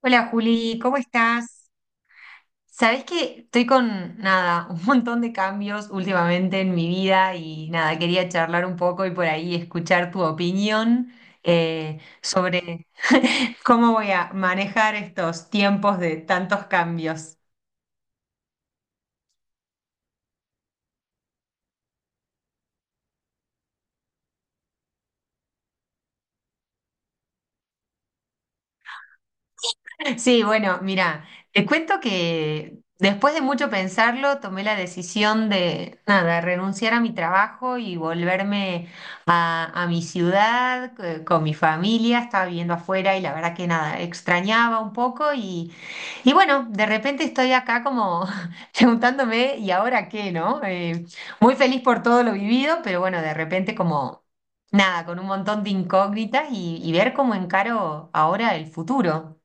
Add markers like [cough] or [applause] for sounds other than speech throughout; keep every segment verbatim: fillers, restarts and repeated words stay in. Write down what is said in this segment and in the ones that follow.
Hola Juli, ¿cómo estás? Sabés que estoy con nada, un montón de cambios últimamente en mi vida y nada, quería charlar un poco y por ahí escuchar tu opinión eh, sobre [laughs] cómo voy a manejar estos tiempos de tantos cambios. Sí, bueno, mira, te cuento que después de mucho pensarlo, tomé la decisión de, nada, renunciar a mi trabajo y volverme a, a mi ciudad eh, con mi familia. Estaba viviendo afuera y la verdad que nada, extrañaba un poco y, y bueno, de repente estoy acá como [laughs] preguntándome, ¿y ahora qué, no? Eh, muy feliz por todo lo vivido, pero bueno, de repente como, nada, con un montón de incógnitas y, y ver cómo encaro ahora el futuro.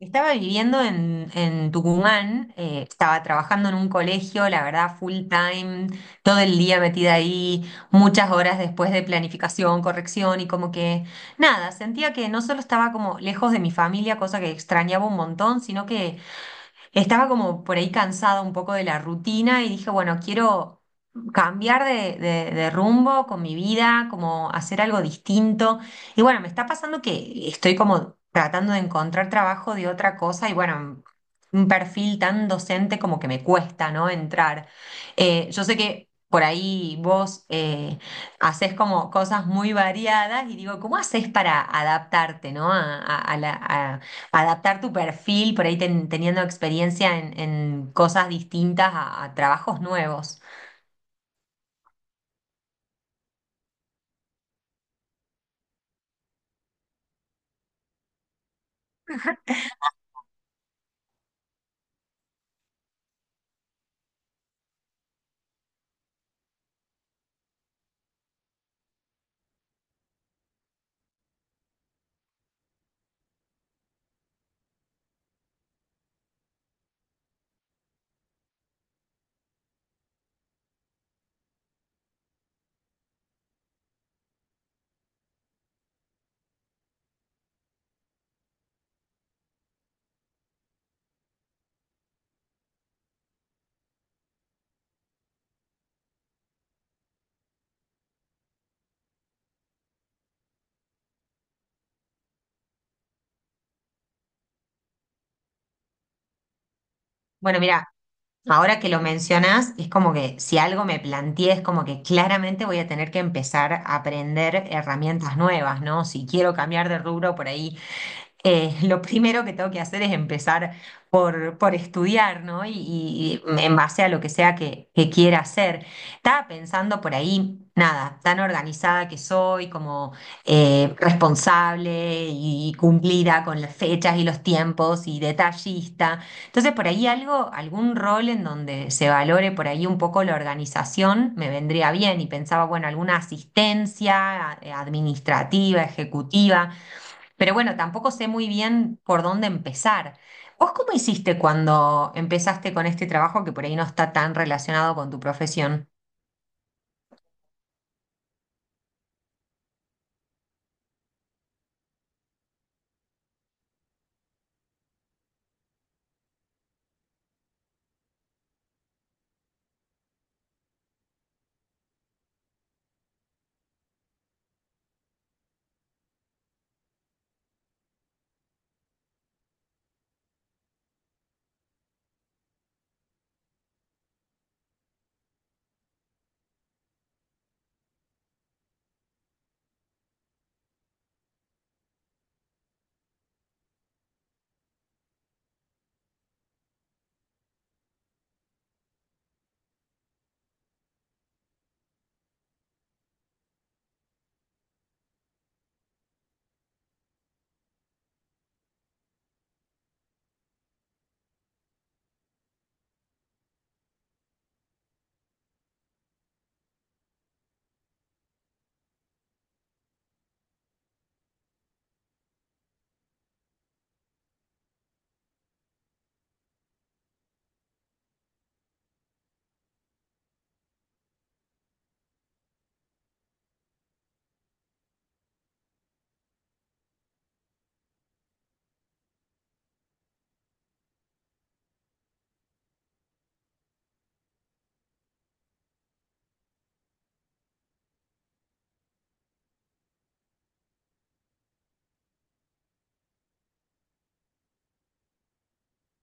Estaba viviendo en, en Tucumán, eh, estaba trabajando en un colegio, la verdad, full time, todo el día metida ahí, muchas horas después de planificación, corrección y como que nada, sentía que no solo estaba como lejos de mi familia, cosa que extrañaba un montón, sino que estaba como por ahí cansada un poco de la rutina y dije, bueno, quiero cambiar de, de- de rumbo con mi vida, como hacer algo distinto. Y bueno, me está pasando que estoy como tratando de encontrar trabajo de otra cosa y bueno, un perfil tan docente como que me cuesta, ¿no? Entrar. Eh, yo sé que... Por ahí vos eh, haces como cosas muy variadas y digo, ¿cómo haces para adaptarte, ¿no? a, a- a la- adaptar tu perfil, por ahí ten- teniendo experiencia en, en cosas distintas a, a trabajos nuevos. Bueno, mira, ahora que lo mencionas, es como que si algo me planteé, es como que claramente voy a tener que empezar a aprender herramientas nuevas, ¿no? Si quiero cambiar de rubro, por ahí eh, [laughs] lo primero que tengo que hacer es empezar por, por estudiar, ¿no? Y, y en base a lo que sea que, que quiera hacer. Estaba pensando por ahí, nada, tan organizada que soy, como eh, responsable y cumplida con las fechas y los tiempos y detallista. Entonces, por ahí algo, algún rol en donde se valore por ahí un poco la organización me vendría bien y pensaba, bueno, alguna asistencia eh, administrativa, ejecutiva. Pero bueno, tampoco sé muy bien por dónde empezar. ¿Vos cómo hiciste cuando empezaste con este trabajo que por ahí no está tan relacionado con tu profesión?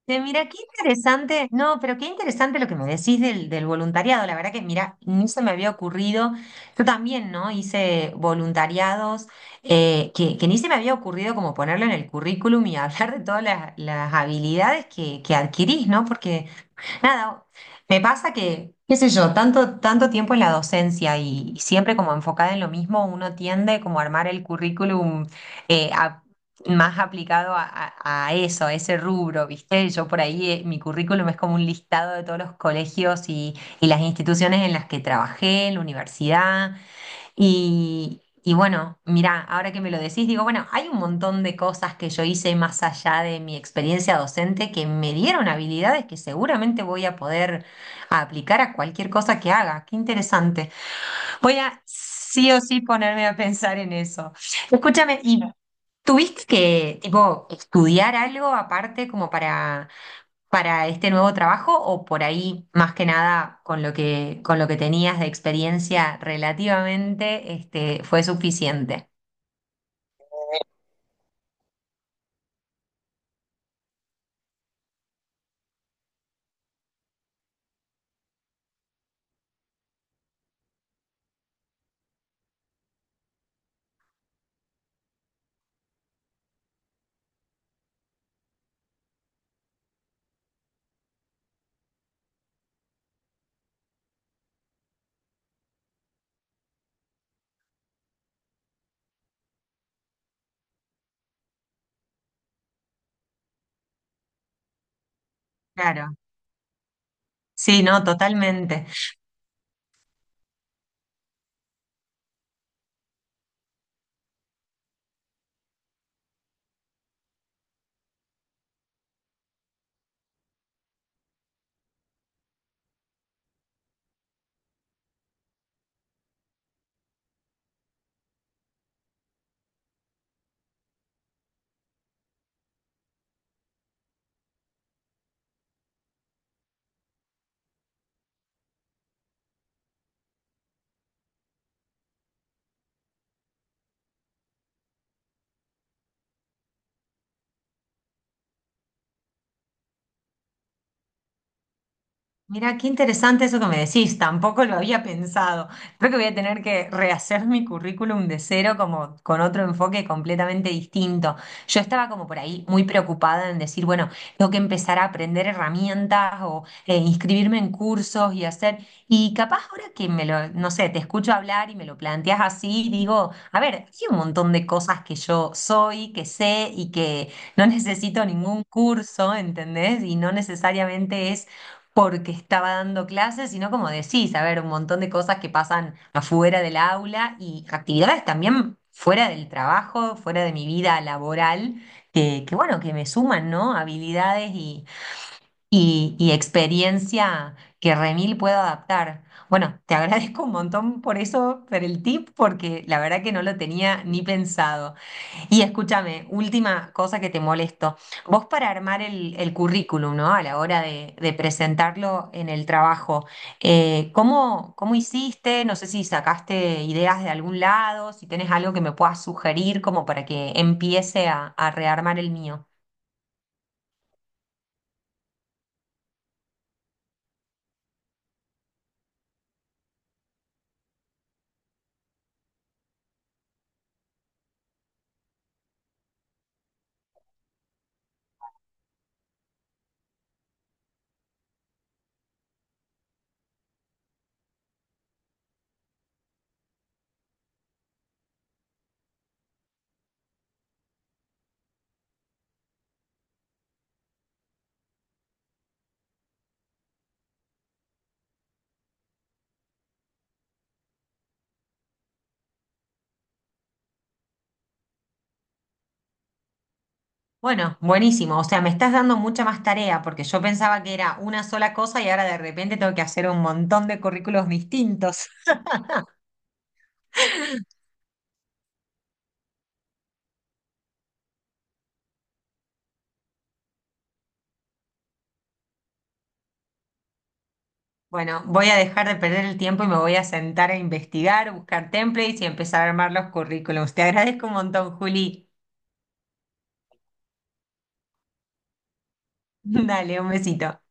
Eh, mira, qué interesante, no, pero qué interesante lo que me decís del, del voluntariado. La verdad que, mira, ni se me había ocurrido. Yo también, ¿no? Hice voluntariados eh, que, que ni se me había ocurrido como ponerlo en el currículum y [laughs] hablar de todas las, las habilidades que, que adquirís, ¿no? Porque... Nada, me pasa que, qué sé yo, tanto, tanto tiempo en la docencia y, y siempre como enfocada en lo mismo, uno tiende como a armar el currículum eh, a- más aplicado a, a- a eso, a ese rubro, ¿viste? Yo por ahí, eh, mi currículum es como un listado de todos los colegios y, y las instituciones en las que trabajé, en la universidad. Y, y bueno, mirá, ahora que me lo decís, digo, bueno, hay un montón de cosas que yo hice más allá de mi experiencia docente que me dieron habilidades que seguramente voy a poder aplicar a cualquier cosa que haga. Qué interesante. Voy a sí o sí ponerme a pensar en eso. Escúchame, ¿y tuviste que, tipo, estudiar algo aparte como para para este nuevo trabajo o por ahí, más que nada, con lo que, con lo que tenías de experiencia relativamente, este, fue suficiente? Claro. Sí, no, totalmente. Mira, qué interesante eso que me decís, tampoco lo había pensado. Creo que voy a tener que rehacer mi currículum de cero como con otro enfoque completamente distinto. Yo estaba como por ahí muy preocupada en decir, bueno, tengo que empezar a aprender herramientas o eh, inscribirme en cursos y hacer, y capaz ahora que me lo, no sé, te escucho hablar y me lo planteas así, digo, a ver, hay un montón de cosas que yo soy, que sé y que no necesito ningún curso, ¿entendés? Y no necesariamente porque estaba dando clases, sino como decís, a ver, un montón de cosas que pasan afuera del aula y actividades también fuera del trabajo, fuera de mi vida laboral, que, que bueno, que me suman, ¿no? Habilidades y, y, y experiencia que remil puedo adaptar. Bueno, te [laughs] agradezco un montón por eso, por el tip, porque la verdad que no lo tenía ni pensado. Y escúchame, última cosa que te molesto. Vos para armar el, el currículum, ¿no? A la hora de, de presentarlo en el trabajo, eh, ¿cómo, cómo hiciste? No sé si sacaste ideas de algún lado, si tenés algo que me puedas sugerir como para que empiece a, a rearmar el mío. Bueno, buenísimo. O sea, me estás dando mucha más tarea porque yo pensaba que era una sola cosa y ahora de repente tengo que hacer un montón de currículos distintos. Bueno, voy a dejar de perder el tiempo y me voy a sentar a investigar, buscar templates y empezar a armar los currículums. Te agradezco un montón, Juli. [laughs] Dale, un besito.